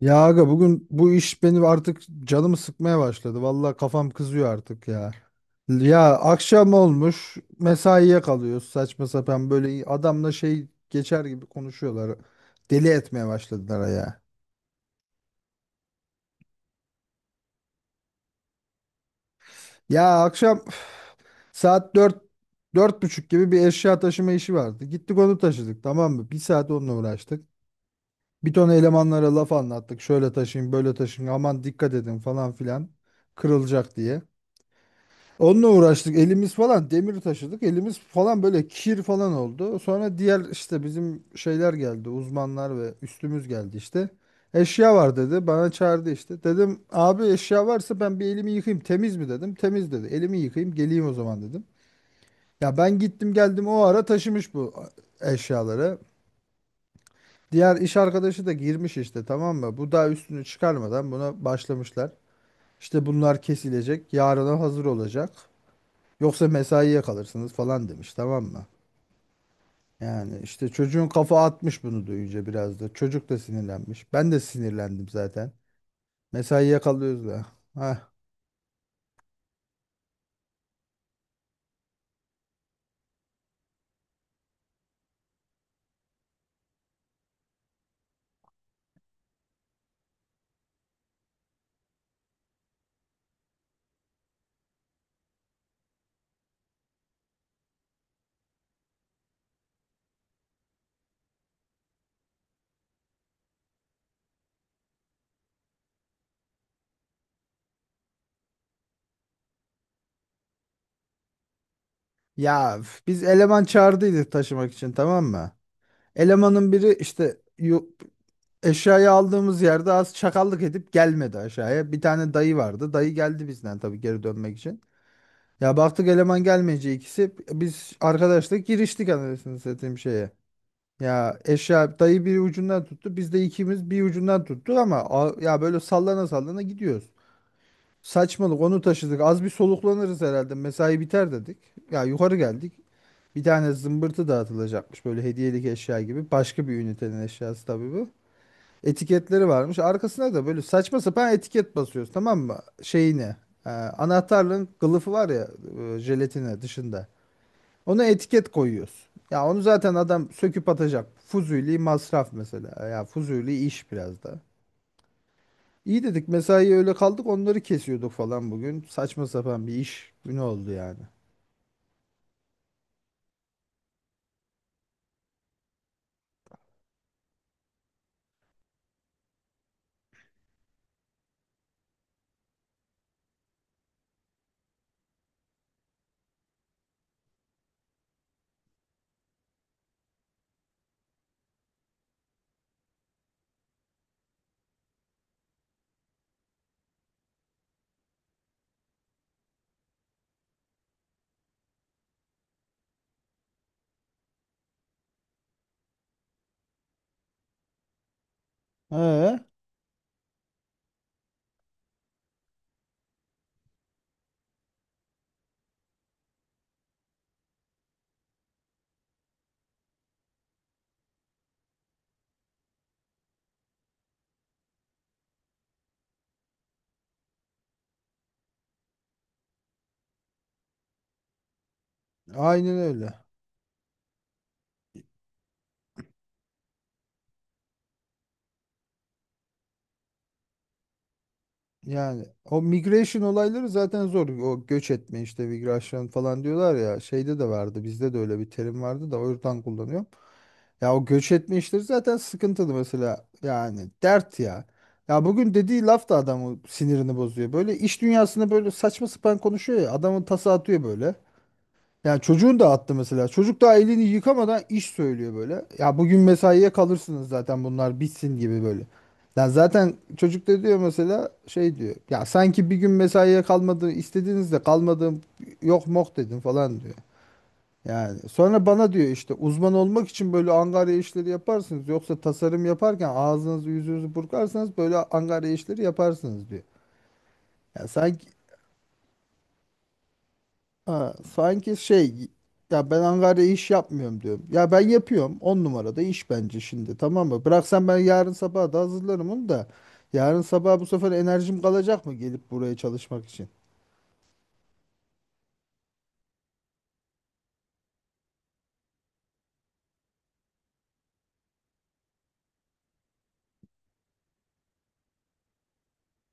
Ya aga bugün bu iş benim artık canımı sıkmaya başladı. Vallahi kafam kızıyor artık ya. Ya akşam olmuş mesaiye kalıyoruz saçma sapan böyle adamla şey geçer gibi konuşuyorlar. Deli etmeye başladılar ya. Ya akşam saat 4, 4:30 gibi bir eşya taşıma işi vardı. Gittik onu taşıdık, tamam mı? Bir saat onunla uğraştık. Bir ton elemanlara laf anlattık. Şöyle taşıyın böyle taşıyın aman dikkat edin falan filan kırılacak diye. Onunla uğraştık elimiz falan demir taşıdık, elimiz falan böyle kir falan oldu. Sonra diğer işte bizim şeyler geldi, uzmanlar ve üstümüz geldi işte. Eşya var dedi, bana çağırdı işte. Dedim abi eşya varsa ben bir elimi yıkayayım, temiz mi dedim. Temiz dedi, elimi yıkayayım geleyim o zaman dedim. Ya ben gittim geldim, o ara taşımış bu eşyaları. Diğer iş arkadaşı da girmiş işte, tamam mı? Bu daha üstünü çıkarmadan buna başlamışlar. İşte bunlar kesilecek, yarına hazır olacak. Yoksa mesaiye kalırsınız falan demiş, tamam mı? Yani işte çocuğun kafa atmış bunu duyunca biraz da. Çocuk da sinirlenmiş. Ben de sinirlendim zaten. Mesaiye kalıyoruz da. Hah. Ya üf, biz eleman çağırdıydık taşımak için, tamam mı? Elemanın biri işte eşyayı aldığımız yerde az çakallık edip gelmedi aşağıya. Bir tane dayı vardı. Dayı geldi bizden tabii geri dönmek için. Ya baktık eleman gelmeyince ikisi biz arkadaşla giriştik anasını satayım şeye. Ya eşya dayı bir ucundan tuttu. Biz de ikimiz bir ucundan tuttuk ama ya böyle sallana sallana gidiyoruz. Saçmalık onu taşıdık. Az bir soluklanırız herhalde. Mesai biter dedik. Ya yukarı geldik. Bir tane zımbırtı dağıtılacakmış böyle hediyelik eşya gibi. Başka bir ünitenin eşyası tabii bu. Etiketleri varmış. Arkasına da böyle saçma sapan etiket basıyoruz, tamam mı? Şeyine. Anahtarlığın kılıfı var ya, jelatine dışında. Ona etiket koyuyoruz. Ya onu zaten adam söküp atacak. Fuzuli masraf mesela. Ya fuzuli iş biraz da. İyi dedik, mesai öyle kaldık onları kesiyorduk falan bugün. Saçma sapan bir iş günü oldu yani. Ee, aynen öyle. Yani o migration olayları zaten zor. O göç etme işte, migration falan diyorlar ya. Şeyde de vardı. Bizde de öyle bir terim vardı da o yüzden kullanıyorum. Ya o göç etme işleri zaten sıkıntılı mesela. Yani dert ya. Ya bugün dediği laf da adamı sinirini bozuyor. Böyle iş dünyasında böyle saçma sapan konuşuyor ya. Adamın tası atıyor böyle. Yani çocuğun da attı mesela. Çocuk daha elini yıkamadan iş söylüyor böyle. Ya bugün mesaiye kalırsınız zaten bunlar bitsin gibi böyle. Ya zaten çocuk da diyor mesela, şey diyor. Ya sanki bir gün mesaiye kalmadı, istediğinizde kalmadım, yok mok dedim falan diyor. Yani sonra bana diyor işte uzman olmak için böyle angarya işleri yaparsınız. Yoksa tasarım yaparken ağzınızı yüzünüzü burkarsanız böyle angarya işleri yaparsınız diyor. Ya sanki. Ha, sanki şey, ya ben Ankara'ya iş yapmıyorum diyorum. Ya ben yapıyorum. 10 numarada iş bence şimdi, tamam mı? Bıraksan ben yarın sabah da hazırlarım onu da. Yarın sabah bu sefer enerjim kalacak mı gelip buraya çalışmak için?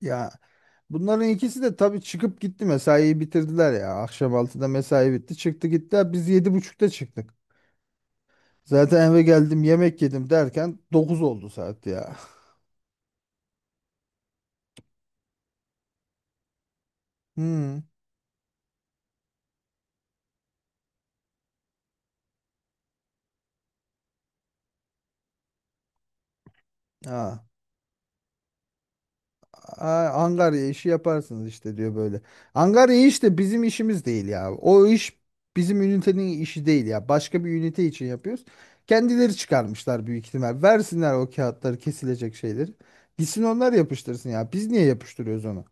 Ya bunların ikisi de tabii çıkıp gitti, mesaiyi bitirdiler ya. Akşam 6'da mesai bitti, çıktı gittiler. Biz 7:30'da çıktık. Zaten eve geldim yemek yedim derken 9 oldu saat ya. Hmm. Ha. Aa, angarya işi yaparsınız işte diyor böyle. Angarya işte bizim işimiz değil ya. O iş bizim ünitenin işi değil ya. Başka bir ünite için yapıyoruz. Kendileri çıkarmışlar büyük ihtimal. Versinler o kağıtları, kesilecek şeyleri. Gitsin onlar yapıştırsın ya. Biz niye yapıştırıyoruz onu?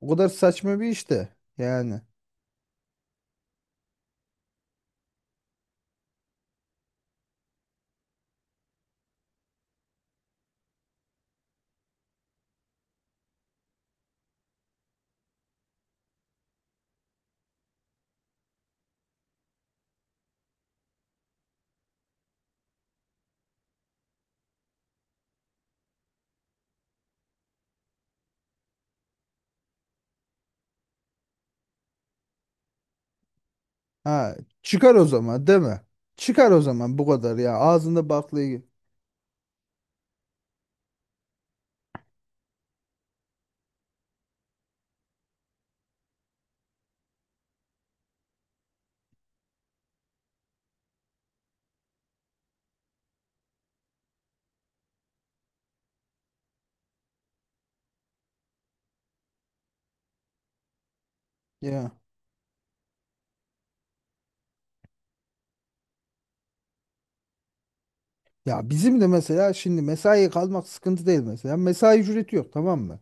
O kadar saçma bir iş de. Yani. Ha, çıkar o zaman değil mi? Çıkar o zaman bu kadar ya. Ağzında baklayı. Ya. Ya bizim de mesela şimdi mesaiye kalmak sıkıntı değil mesela. Mesai ücreti yok, tamam mı?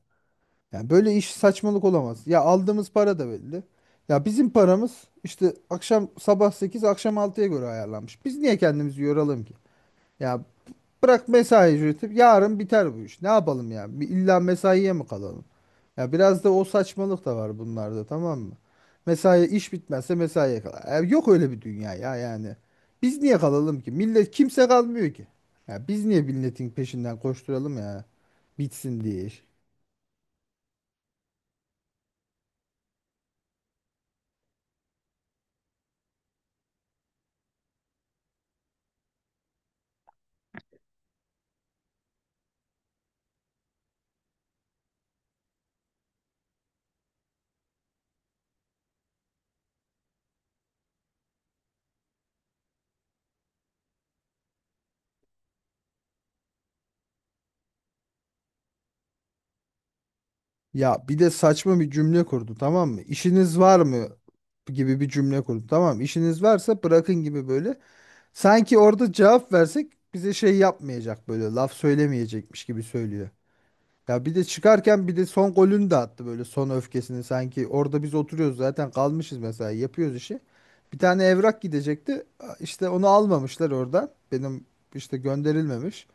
Yani böyle iş saçmalık olamaz. Ya aldığımız para da belli. Ya bizim paramız işte akşam sabah 8, akşam 6'ya göre ayarlanmış. Biz niye kendimizi yoralım ki? Ya bırak mesai üretip yarın biter bu iş. Ne yapalım ya? Bir İlla mesaiye mi kalalım? Ya biraz da o saçmalık da var bunlarda, tamam mı? Mesai iş bitmezse mesaiye kalar. Ya yok öyle bir dünya ya yani. Biz niye kalalım ki? Millet kimse kalmıyor ki. Ya biz niye milletin peşinden koşturalım ya? Bitsin diye iş. Ya bir de saçma bir cümle kurdu, tamam mı? İşiniz var mı gibi bir cümle kurdu, tamam mı? İşiniz varsa bırakın gibi böyle. Sanki orada cevap versek bize şey yapmayacak böyle laf söylemeyecekmiş gibi söylüyor. Ya bir de çıkarken bir de son golünü de attı böyle, son öfkesini sanki orada biz oturuyoruz zaten kalmışız mesela yapıyoruz işi. Bir tane evrak gidecekti, işte onu almamışlar oradan benim, işte gönderilmemiş.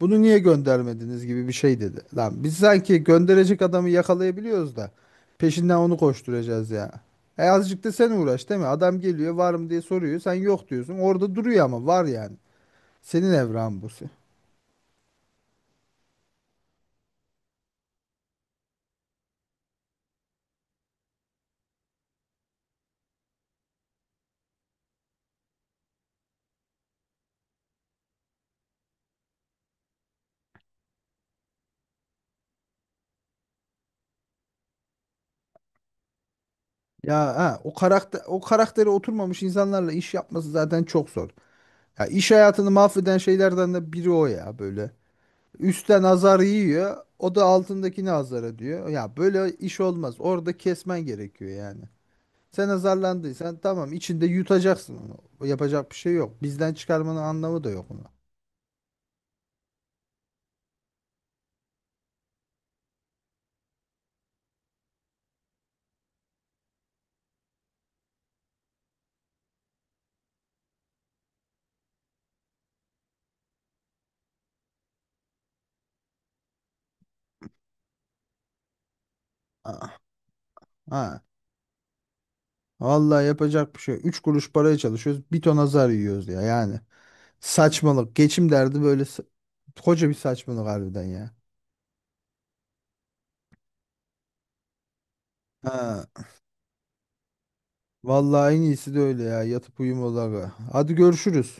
Bunu niye göndermediniz gibi bir şey dedi. Lan biz sanki gönderecek adamı yakalayabiliyoruz da peşinden onu koşturacağız ya. E azıcık da sen uğraş değil mi? Adam geliyor, var mı diye soruyor. Sen yok diyorsun. Orada duruyor ama var yani. Senin evren bu. Ya ha, o karakter o karaktere oturmamış insanlarla iş yapması zaten çok zor. Ya iş hayatını mahveden şeylerden de biri o ya böyle. Üstten azar yiyor. O da altındakini azar ediyor. Ya böyle iş olmaz. Orada kesmen gerekiyor yani. Sen azarlandıysan tamam, içinde yutacaksın onu. Yapacak bir şey yok. Bizden çıkarmanın anlamı da yok onu. Ha. Ha. Vallahi yapacak bir şey yok. Üç kuruş paraya çalışıyoruz. Bir ton azar yiyoruz ya yani. Saçmalık. Geçim derdi böyle koca bir saçmalık harbiden ya. Ha. Vallahi en iyisi de öyle ya. Yatıp uyumaları. Hadi görüşürüz.